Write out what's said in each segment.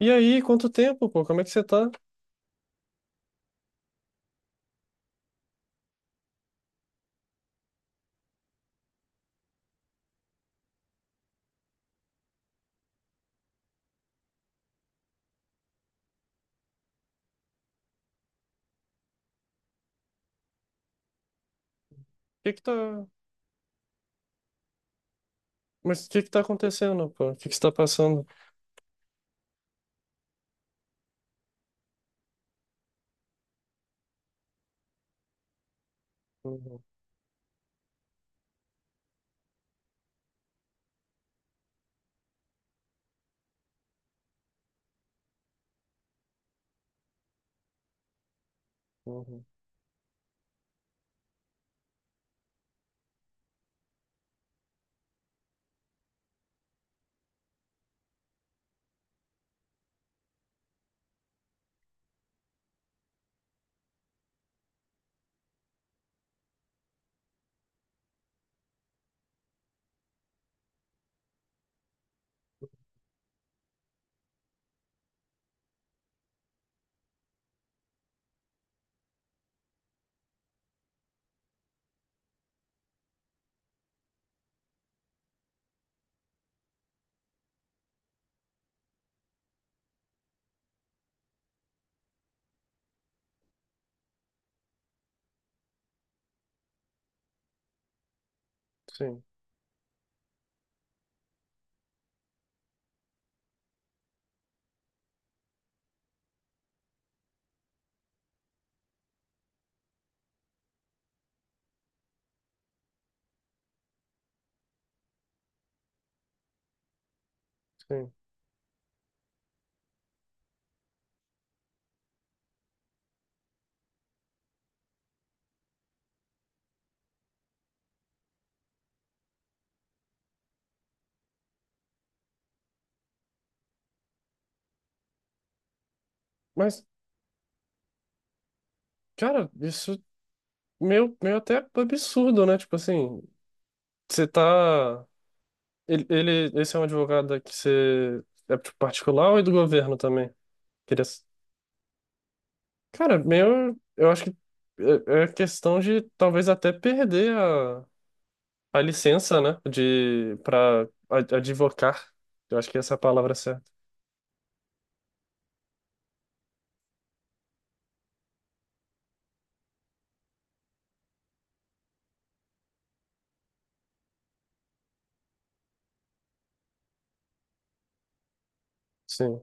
E aí, quanto tempo, pô? Como é que você tá? O que que tá... Mas o que que tá acontecendo, pô? O que que você tá passando? Uhum, uhum. Sim, sim. Mas, cara, isso meio, meio até absurdo, né? Tipo assim, você tá... esse é um advogado que você... É tipo, particular ou é do governo também? Queria... s- Cara, meio... Eu acho que é questão de talvez até perder a licença, né, de para advocar. Eu acho que essa é a palavra certa. Sim.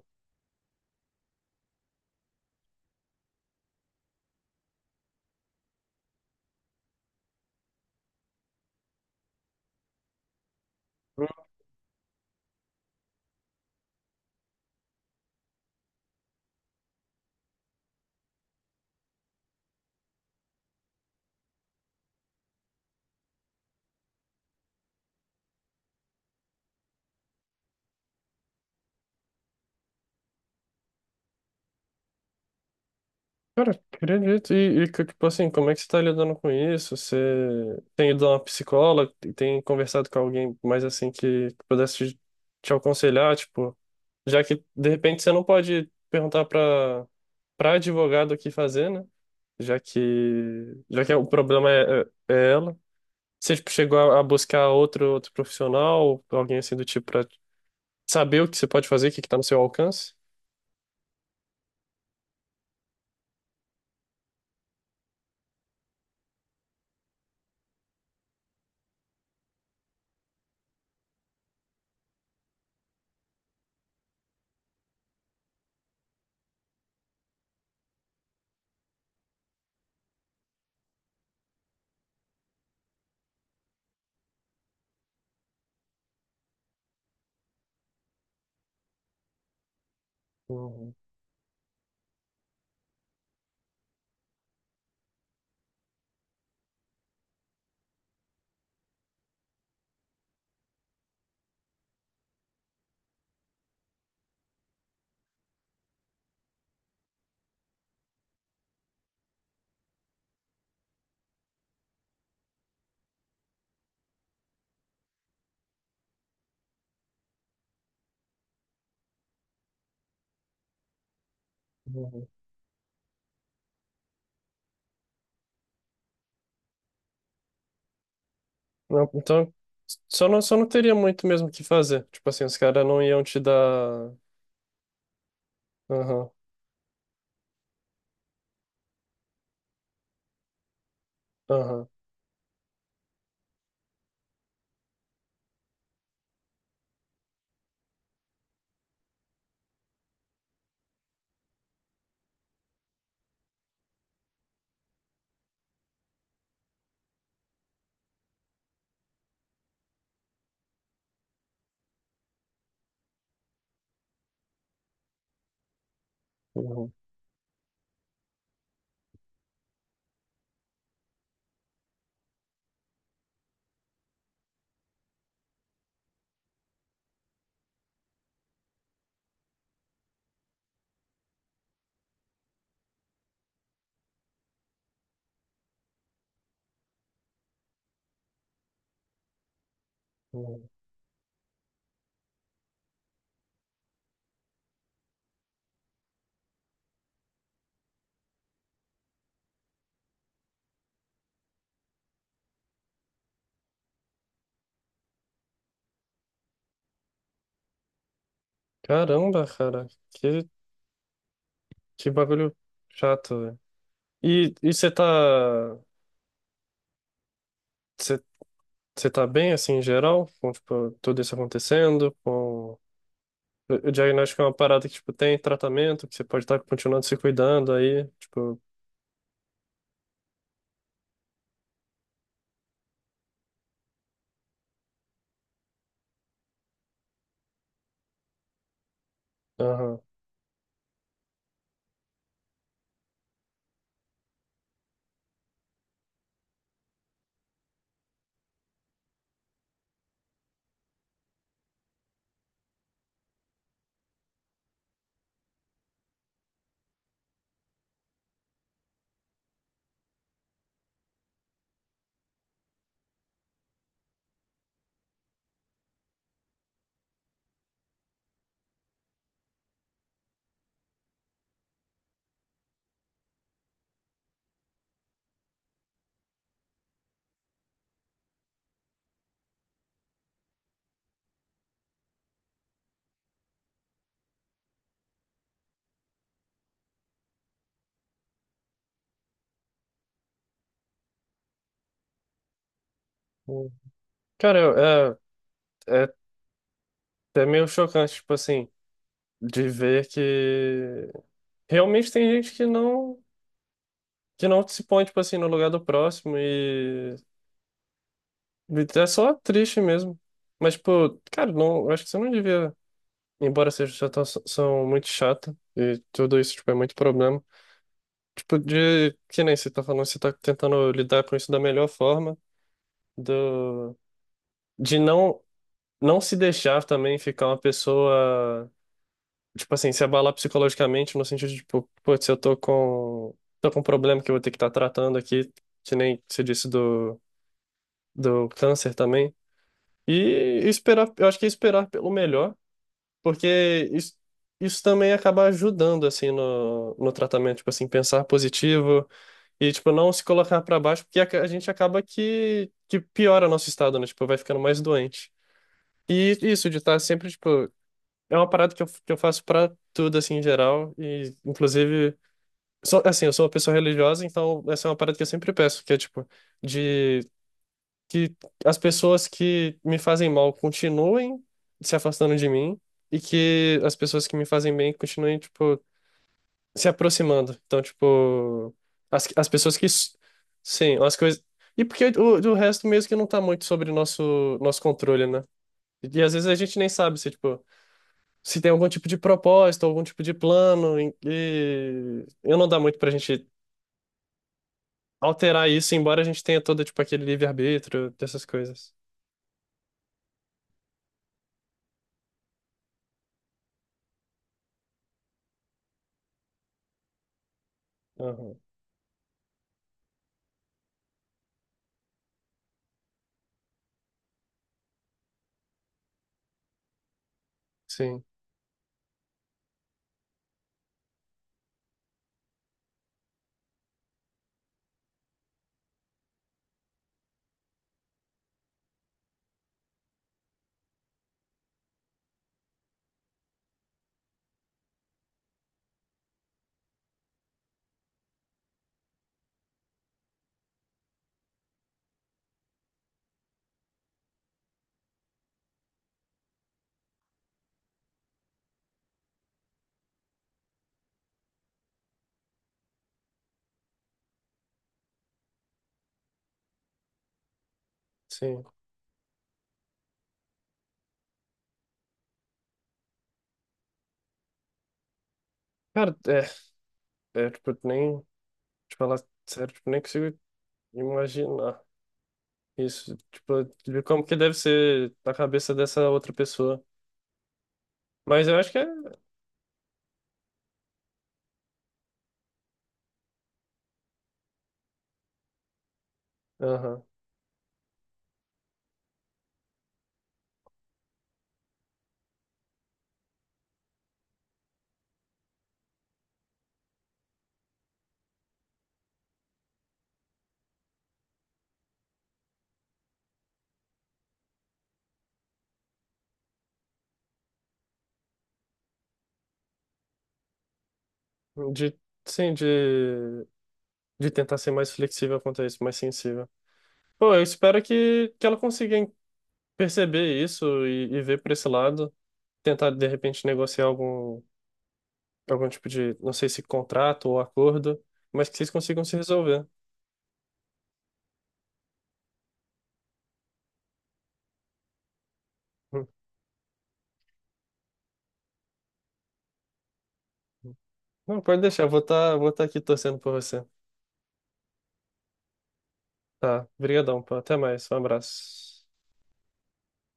Hum. Cara, acredito. E que, tipo assim, como é que você tá lidando com isso? Você tem ido a uma psicóloga? Tem conversado com alguém mais assim que pudesse te, te aconselhar? Tipo, já que de repente você não pode perguntar para advogado o que fazer, né? Já que o problema é, é, é ela. Você tipo, chegou a buscar outro, outro profissional, alguém assim do tipo, pra saber o que você pode fazer, o que que tá no seu alcance? Uhum, uhum. Não, então, só não teria muito mesmo o que fazer. Tipo assim, os caras não iam te dar. Aham, aham, uhum. Caramba, cara, que bagulho chato, velho. E você tá, você você tá bem, assim, em geral, com, tipo, tudo isso acontecendo, com... O o diagnóstico é uma parada que, tipo, tem tratamento, que você pode estar continuando se cuidando aí, tipo, aham. Cara, é, é, é até meio chocante, tipo assim, de ver que realmente tem gente que não se põe, tipo assim, no lugar do próximo. Então, é só triste mesmo. Mas, tipo, cara, não, eu acho que você não devia, embora seja situação muito chata, e tudo isso, tipo, é muito problema. Tipo, de que nem você tá falando, você tá tentando lidar com isso da melhor forma, do, de não, não se deixar também ficar uma pessoa, tipo assim, se abalar psicologicamente, no sentido de, tipo, putz, eu tô com um problema que eu vou ter que estar tratando aqui, que nem você disse do, do câncer também. E esperar, eu acho que é esperar pelo melhor. Porque isso também acaba ajudando, assim, no, no tratamento, tipo assim, pensar positivo e, tipo, não se colocar pra baixo, porque a gente acaba que piora nosso estado, né? Tipo, vai ficando mais doente. E isso de estar sempre, tipo, é uma parada que eu faço pra tudo, assim, em geral, e, inclusive, sou, assim, eu sou uma pessoa religiosa, então essa é uma parada que eu sempre peço, que é, tipo, de que as pessoas que me fazem mal continuem se afastando de mim e que as pessoas que me fazem bem continuem, tipo, se aproximando. Então, tipo, as pessoas que. S- Sim, as coisas. E porque o resto mesmo que não tá muito sobre nosso, nosso controle, né? E, às vezes a gente nem sabe se, tipo, se tem algum tipo de propósito, algum tipo de plano, em- e eu não dá muito pra gente alterar isso, embora a gente tenha todo, tipo, aquele livre-arbítrio, dessas coisas. Aham. Sim. Sim. Cara, é, é, tipo, nem, te falar sério, tipo, nem consigo imaginar isso, tipo, de como que deve ser na cabeça dessa outra pessoa. Mas eu acho que é, aham, de, sim, de tentar ser mais flexível quanto a isso, mais sensível. Pô, eu espero que ela consiga en- perceber isso e ver por esse lado, tentar, de repente, negociar algum, algum tipo de, não sei se contrato ou acordo, mas que vocês consigam se resolver. Hum. Hum. Não, pode deixar, eu vou estar aqui torcendo por você. Tá, brigadão, pô. Até mais. Um abraço.